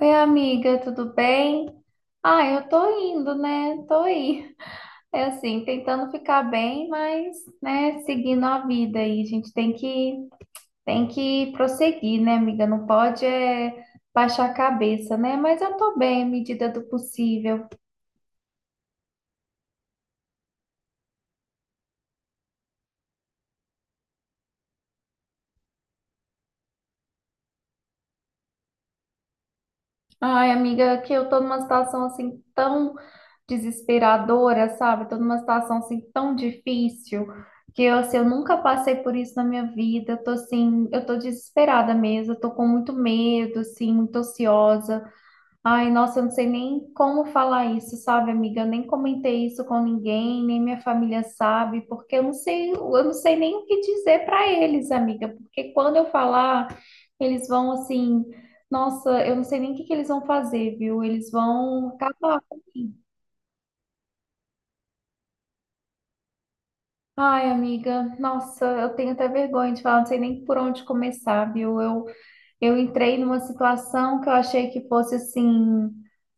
Oi, amiga, tudo bem? Ah, eu tô indo, né? Tô aí. É assim, tentando ficar bem, mas, né, seguindo a vida aí. A gente tem que prosseguir, né, amiga? Não pode é, baixar a cabeça, né? Mas eu tô bem, à medida do possível. Ai, amiga, que eu tô numa situação assim tão desesperadora, sabe? Tô numa situação assim tão difícil que eu, assim, eu nunca passei por isso na minha vida. Eu tô assim, eu tô desesperada mesmo, eu tô com muito medo, assim, muito ansiosa. Ai, nossa, eu não sei nem como falar isso, sabe, amiga? Eu nem comentei isso com ninguém, nem minha família sabe, porque eu não sei nem o que dizer para eles, amiga, porque quando eu falar, eles vão assim, nossa, eu não sei nem o que que eles vão fazer, viu? Eles vão acabar comigo. Ai, amiga, nossa, eu tenho até vergonha de falar, não sei nem por onde começar, viu? Eu entrei numa situação que eu achei que fosse assim,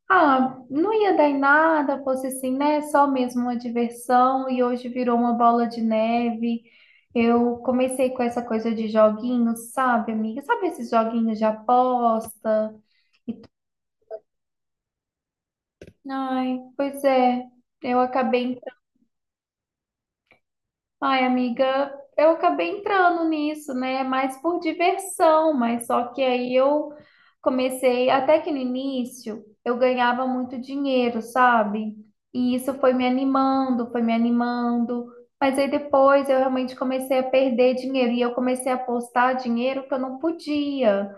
ah, não ia dar em nada, fosse assim, né? Só mesmo uma diversão, e hoje virou uma bola de neve. Eu comecei com essa coisa de joguinhos, sabe, amiga? Sabe esses joguinhos de aposta? Ai, pois é, eu acabei. Ai, amiga, eu acabei entrando nisso, né? Mais por diversão, mas só que aí eu comecei, até que no início eu ganhava muito dinheiro, sabe? E isso foi me animando, mas aí depois eu realmente comecei a perder dinheiro e eu comecei a apostar dinheiro que eu não podia.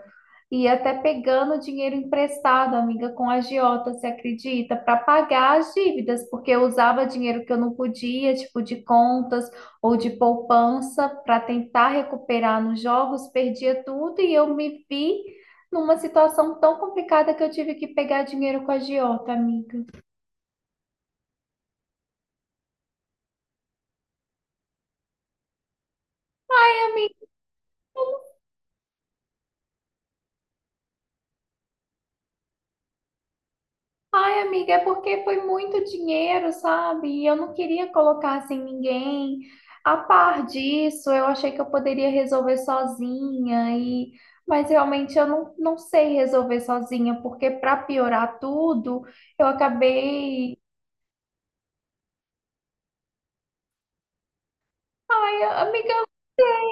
E até pegando dinheiro emprestado, amiga, com agiota, você acredita? Para pagar as dívidas, porque eu usava dinheiro que eu não podia, tipo de contas ou de poupança, para tentar recuperar nos jogos, perdia tudo e eu me vi numa situação tão complicada que eu tive que pegar dinheiro com agiota, amiga. Ai, amiga, é porque foi muito dinheiro, sabe? E eu não queria colocar assim ninguém a par disso. Eu achei que eu poderia resolver sozinha e mas realmente eu não, não sei resolver sozinha, porque para piorar tudo, eu acabei. Ai, amiga.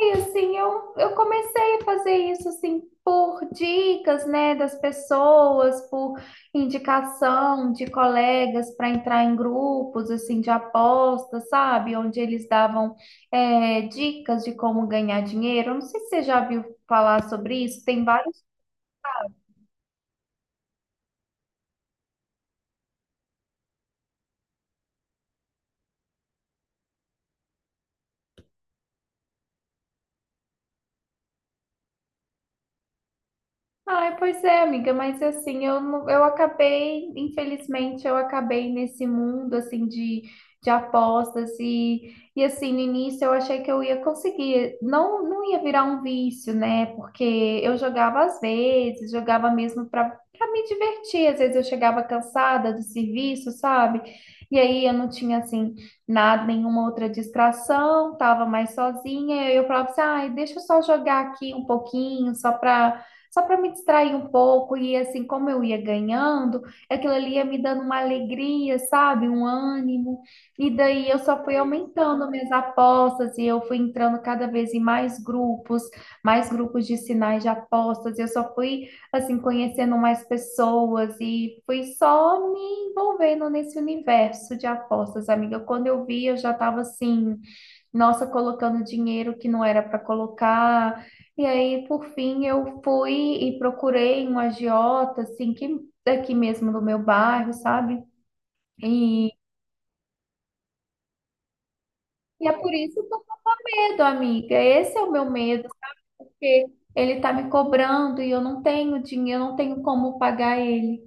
E assim, eu comecei a fazer isso assim por dicas, né, das pessoas, por indicação de colegas para entrar em grupos assim de apostas, sabe? Onde eles davam dicas de como ganhar dinheiro. Eu não sei se você já viu falar sobre isso, tem vários. Ai, pois é, amiga, mas assim, eu, eu acabei, infelizmente, eu acabei nesse mundo, assim, de apostas e assim, no início eu achei que eu ia conseguir, não, não ia virar um vício, né, porque eu jogava às vezes, jogava mesmo para me divertir, às vezes eu chegava cansada do serviço, sabe, e aí eu não tinha, assim, nada, nenhuma outra distração, tava mais sozinha, e eu falava assim, ai, deixa eu só jogar aqui um pouquinho, só para me distrair um pouco. E assim, como eu ia ganhando, aquilo ali ia me dando uma alegria, sabe? Um ânimo. E daí eu só fui aumentando minhas apostas e eu fui entrando cada vez em mais grupos de sinais de apostas. E eu só fui, assim, conhecendo mais pessoas e fui só me envolvendo nesse universo de apostas, amiga. Quando eu vi, eu já estava assim, nossa, colocando dinheiro que não era para colocar. E aí, por fim, eu fui e procurei um agiota, assim, que daqui mesmo do meu bairro, sabe? E, e é por isso que eu medo, amiga. Esse é o meu medo, porque ele tá me cobrando e eu não tenho dinheiro, eu não tenho como pagar ele.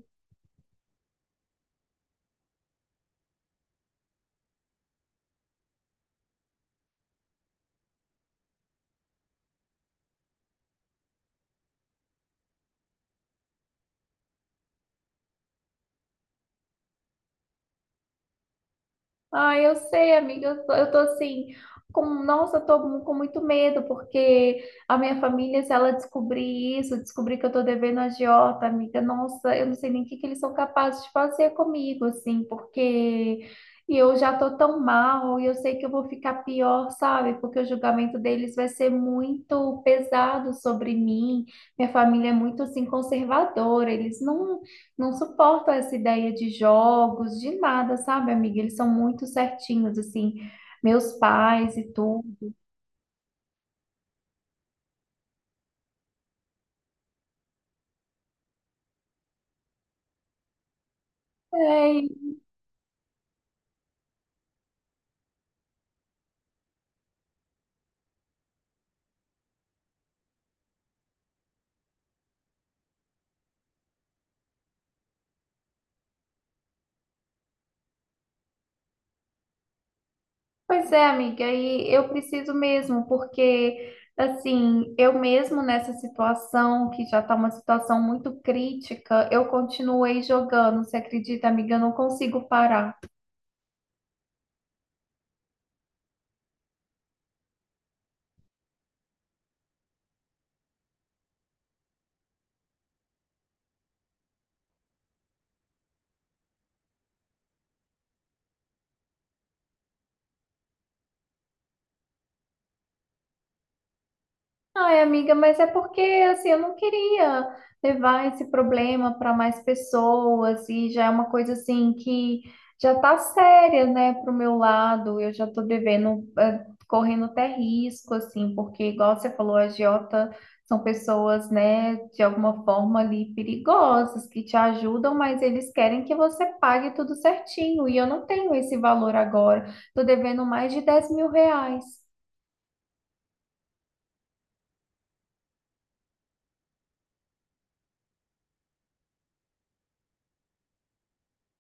Ah, eu sei, amiga. Eu tô assim, com, nossa, eu tô com muito medo, porque a minha família, se ela descobrir isso, descobrir que eu tô devendo agiota, amiga, nossa, eu não sei nem o que que eles são capazes de fazer comigo, assim, porque eu já tô tão mal e eu sei que eu vou ficar pior, sabe? Porque o julgamento deles vai ser muito pesado sobre mim. Minha família é muito, assim, conservadora, eles não não suporto essa ideia de jogos, de nada, sabe, amiga? Eles são muito certinhos, assim, meus pais e tudo. É, e- Pois é, amiga, e eu preciso mesmo, porque, assim, eu mesmo nessa situação, que já tá uma situação muito crítica, eu continuei jogando, você acredita, amiga? Eu não consigo parar. Ai, amiga, mas é porque assim, eu não queria levar esse problema para mais pessoas e já é uma coisa assim que já tá séria, né, pro meu lado. Eu já tô devendo, correndo até risco, assim, porque igual você falou, agiota são pessoas, né, de alguma forma ali perigosas que te ajudam, mas eles querem que você pague tudo certinho e eu não tenho esse valor agora. Tô devendo mais de 10 mil reais.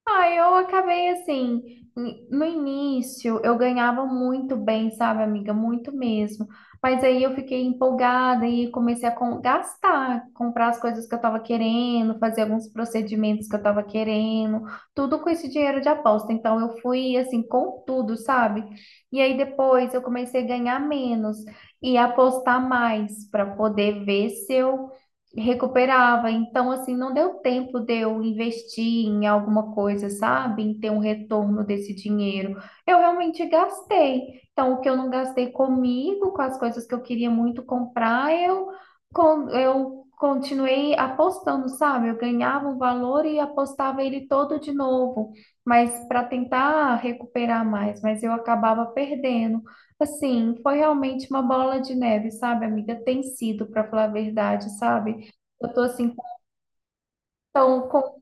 Ah, eu acabei assim, no início eu ganhava muito bem, sabe, amiga? Muito mesmo. Mas aí eu fiquei empolgada e comecei a gastar, comprar as coisas que eu tava querendo, fazer alguns procedimentos que eu tava querendo, tudo com esse dinheiro de aposta. Então eu fui assim com tudo, sabe? E aí depois eu comecei a ganhar menos e apostar mais para poder ver se eu recuperava. Então, assim, não deu tempo de eu investir em alguma coisa, sabe? Em ter um retorno desse dinheiro. Eu realmente gastei. Então, o que eu não gastei comigo, com as coisas que eu queria muito comprar, eu, eu continuei apostando, sabe? Eu ganhava um valor e apostava ele todo de novo, mas para tentar recuperar mais, mas eu acabava perdendo. Assim, foi realmente uma bola de neve, sabe, amiga? Tem sido, para falar a verdade, sabe? Eu tô assim, então, com...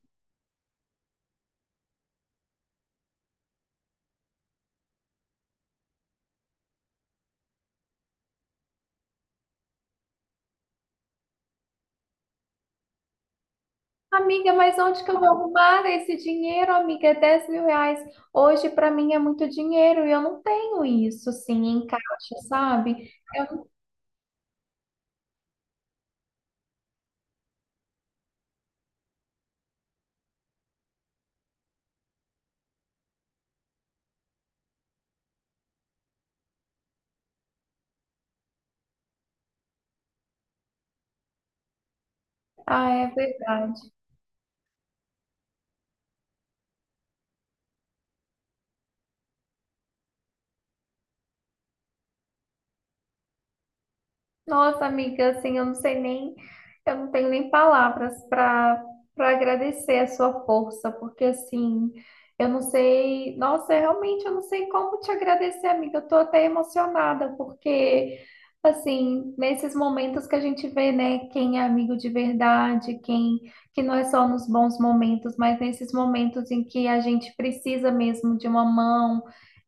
Amiga, mas onde que eu vou arrumar esse dinheiro, amiga? É 10 mil reais. Hoje, para mim, é muito dinheiro e eu não tenho isso, assim, em caixa, sabe? Eu... Ah, é verdade. Nossa, amiga, assim, eu não sei nem, eu não tenho nem palavras para agradecer a sua força, porque assim, eu não sei, nossa, realmente eu não sei como te agradecer, amiga. Eu tô até emocionada, porque assim, nesses momentos que a gente vê, né, quem é amigo de verdade, quem que não é só nos bons momentos, mas nesses momentos em que a gente precisa mesmo de uma mão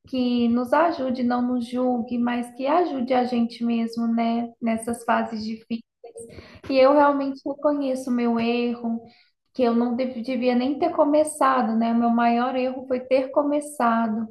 que nos ajude, não nos julgue, mas que ajude a gente mesmo, né, nessas fases difíceis. E eu realmente reconheço o meu erro, que eu não devia nem ter começado, né? O meu maior erro foi ter começado.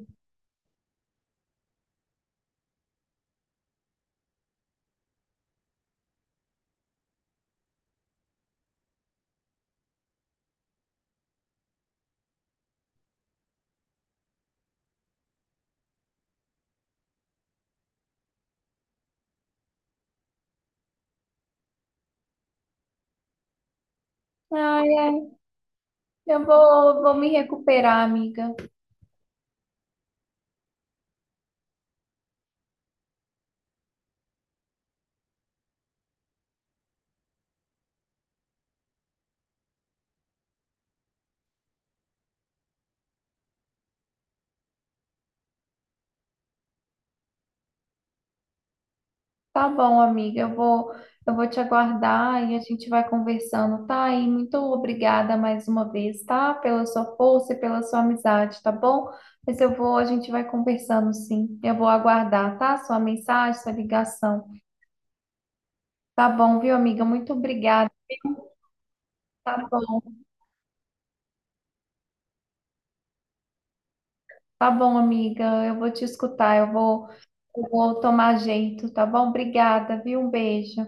Ai, ai, vou me recuperar, amiga. Tá bom, amiga. Eu vou te aguardar e a gente vai conversando, tá? E muito obrigada mais uma vez, tá? Pela sua força e pela sua amizade, tá bom? Mas eu vou, a gente vai conversando, sim. Eu vou aguardar, tá? Sua mensagem, sua ligação. Tá bom, viu, amiga? Muito obrigada. Tá bom, tá bom, amiga. Eu vou te escutar, eu vou tomar jeito, tá bom? Obrigada, viu? Um beijo.